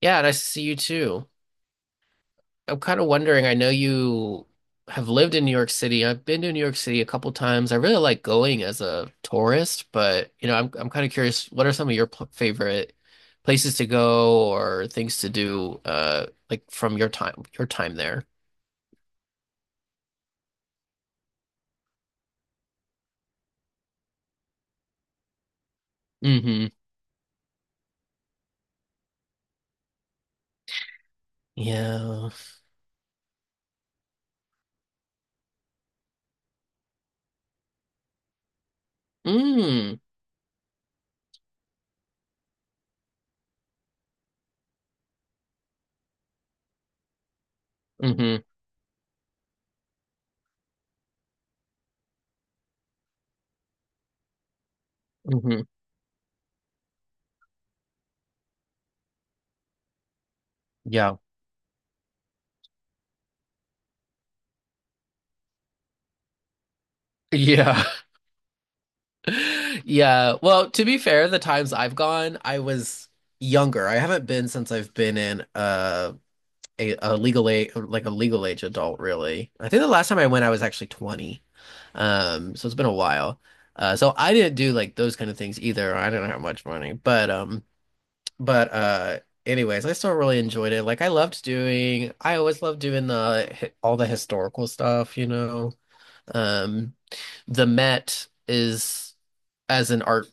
Yeah, nice to see you too. I'm kind of wondering, I know you have lived in New York City. I've been to New York City a couple times. I really like going as a tourist, but I'm kind of curious, what are some of your pl favorite places to go or things to do like from your time there? Hmm. Yeah. Mm. Mm-hmm. Mm-hmm. Yeah. Yeah. Yeah. Well, to be fair, the times I've gone, I was younger. I haven't been since I've been in a legal age, like a legal age adult, really. I think the last time I went, I was actually 20. So it's been a while. So I didn't do like those kind of things either. I didn't have much money, but but uh, anyways, I still really enjoyed it. I always loved doing the all the historical stuff, you know. Um, the Met is as an art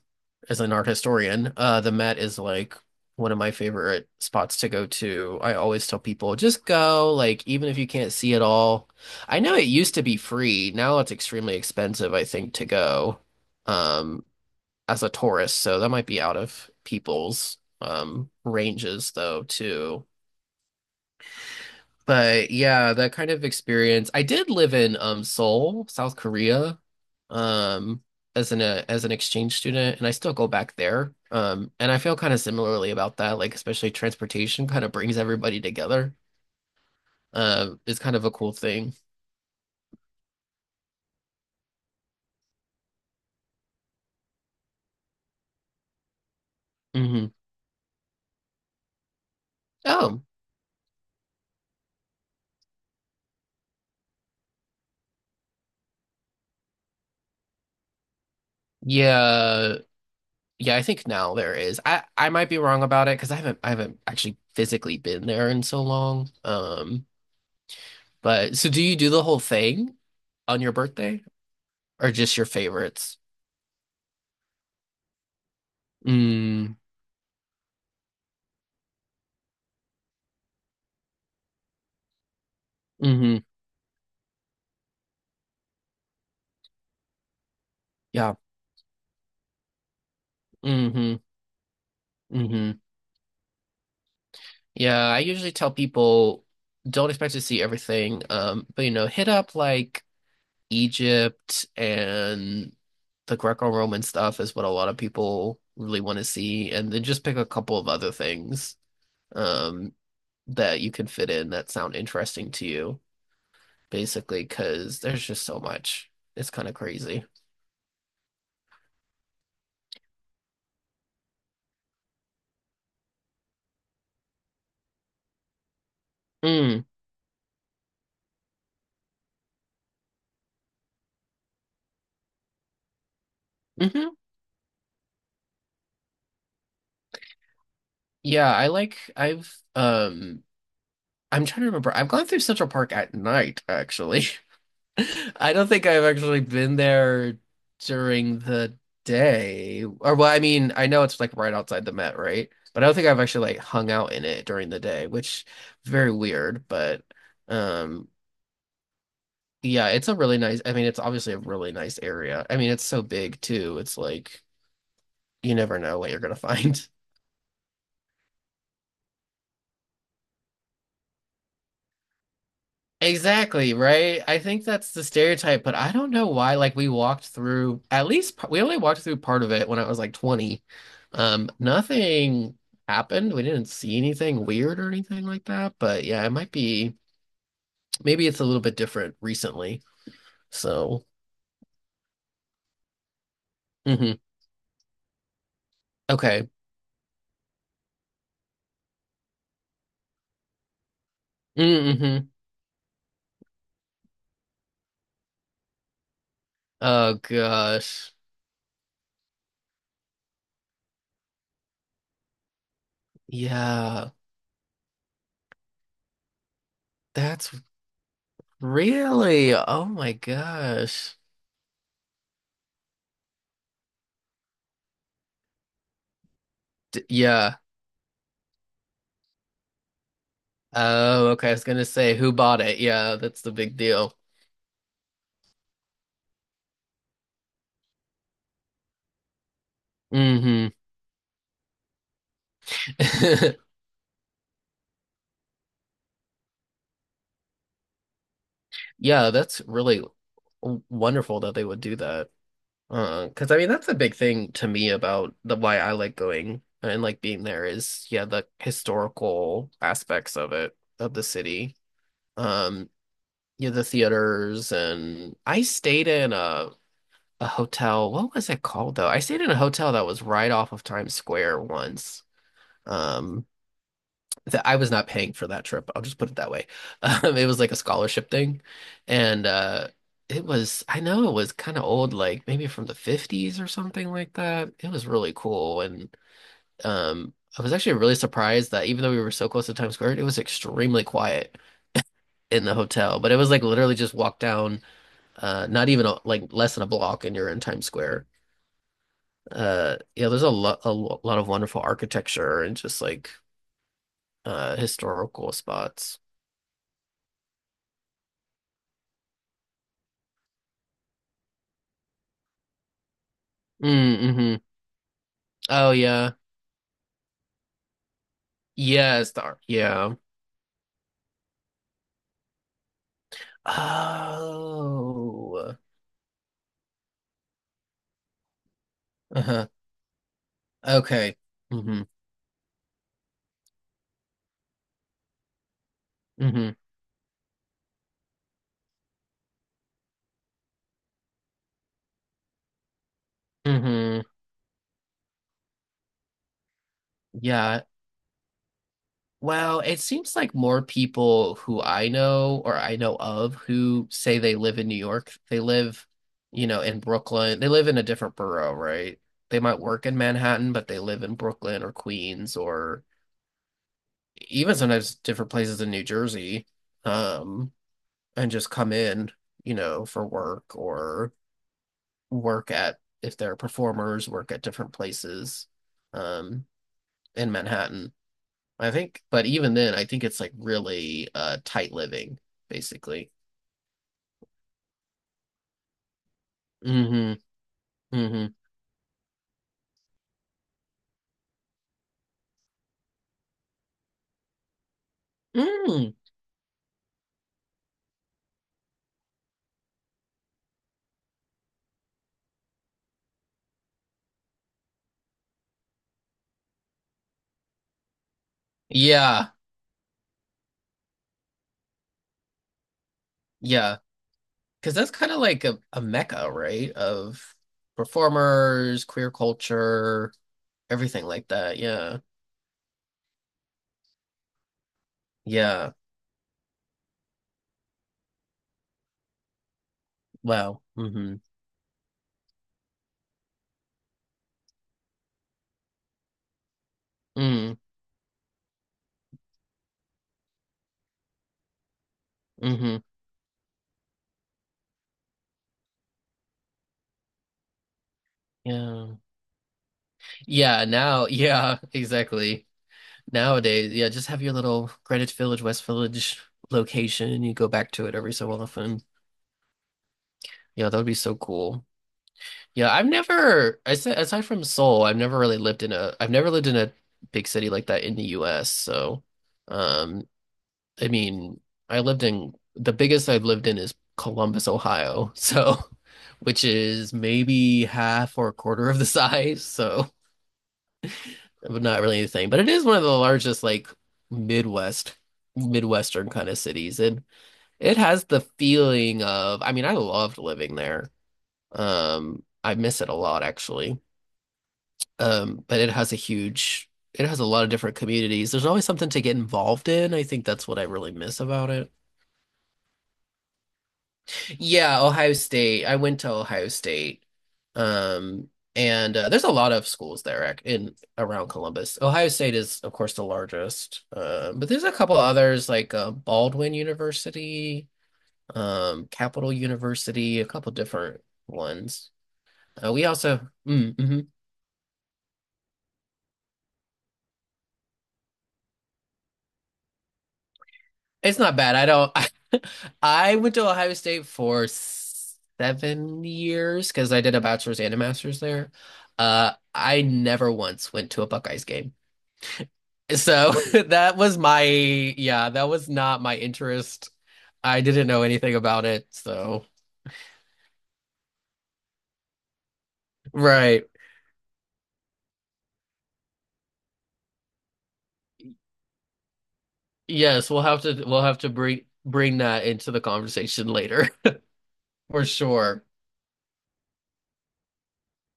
as an art historian, the Met is like one of my favorite spots to go to. I always tell people just go, like even if you can't see it all. I know it used to be free. Now it's extremely expensive, I think, to go um as a tourist, so that might be out of people's ranges though too. But yeah, that kind of experience. I did live in Seoul, South Korea, um as an exchange student, and I still go back there. And I feel kind of similarly about that. Like especially transportation kind of brings everybody together. Is kind of a cool thing. Hmm. Oh yeah, yeah. I think now there is. I might be wrong about it because I haven't actually physically been there in so long. But so do you do the whole thing on your birthday or just your favorites? Mm. Hmm. Yeah. Hmm. Hmm. Yeah, I usually tell people don't expect to see everything. But you know, hit up like Egypt, and the Greco-Roman stuff is what a lot of people really want to see, and then just pick a couple of other things um that you can fit in that sound interesting to you, basically, because there's just so much. It's kind of crazy. Mm. Hmm. Yeah, I like I've um I'm trying to remember. I've gone through Central Park at night, actually. I don't think I've actually been there during the day. Or, well, I mean, I know it's like right outside the Met, right? But I don't think I've actually like hung out in it during the day, which very weird, but um yeah, it's a really nice, I mean, it's obviously a really nice area. I mean, it's so big too. It's like you never know what you're gonna find. Exactly, right? I think that's the stereotype, but I don't know why. Like, we walked through at least we only walked through part of it when I was like 20. Nothing happened. We didn't see anything weird or anything like that. But yeah, it might be maybe it's a little bit different recently. So, hmm. Okay. Mm-hmm. Oh gosh. Yeah, that's really, oh my gosh. D Yeah. Oh, okay. I was gonna say who bought it. Yeah, that's the big deal. Hmm. Yeah, that's really wonderful that they would do that. 'Cause I mean that's a big thing to me about the why I like going and like being there is yeah, the historical aspects of it, of the city. Um, yeah, the theaters, and I stayed in a hotel. What was it called though? I stayed in a hotel that was right off of Times Square once. Um, that I was not paying for that trip. I'll just put it that way. It was like a scholarship thing, and it was, I know it was kind of old, like maybe from the 50s or something like that. It was really cool, and I was actually really surprised that even though we were so close to Times Square, it was extremely quiet in the hotel. But it was like literally just walk down, not even like less than a block, and you're in Times Square. Yeah, there's a lot a lo- lot of wonderful architecture and just like historical spots. Mm-hmm. Oh yeah. Yes, yeah. Oh. Uh-huh. Okay. Hmm. Hmm. Hmm. Yeah. Well, it seems like more people who I know or I know of who say they live in New York, they live, you know, in Brooklyn. They live in a different borough, right? They might work in Manhattan, but they live in Brooklyn or Queens or even sometimes different places in New Jersey, um, and just come in, you know, for work or work at if they're performers, work at different places um, in Manhattan. I think, but even then, I think it's like really tight living, basically. Hmm. Hmm. Mm. Yeah. Yeah. Because that's kind of like a mecca, right? Of performers, queer culture, everything like that. Yeah. Yeah. Wow. Hmm. Mm. Hmm. Yeah. Yeah. Now. Yeah. Exactly. Nowadays, yeah, just have your little Greenwich Village, West Village location, and you go back to it every so often. Yeah, that would be so cool. Yeah, I've never, I said, aside from Seoul, I've never really lived in I've never lived in a big city like that in the U.S. So, um, I mean, I've lived in is Columbus, Ohio. So, which is maybe half or a quarter of the size. So, not really anything, but it is one of the largest like Midwest, Midwestern kind of cities, and it has the feeling of, I mean, I loved living there. I miss it a lot actually. But it has a huge, it has a lot of different communities. There's always something to get involved in. I think that's what I really miss about it. Yeah, Ohio State. I went to Ohio State. Um, and there's a lot of schools there in around Columbus. Ohio State is, of course, the largest. But there's a couple others like Baldwin University, Capital University, a couple different ones. We also, mm, hmm. It's not bad. I don't. I went to Ohio State for 7 years because I did a bachelor's and a master's there. I never once went to a Buckeyes game. So that was my, yeah, that was not my interest. I didn't know anything about it, so right. Yes, we'll have to bring that into the conversation later for sure.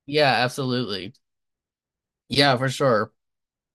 Yeah, absolutely. Yeah, for sure.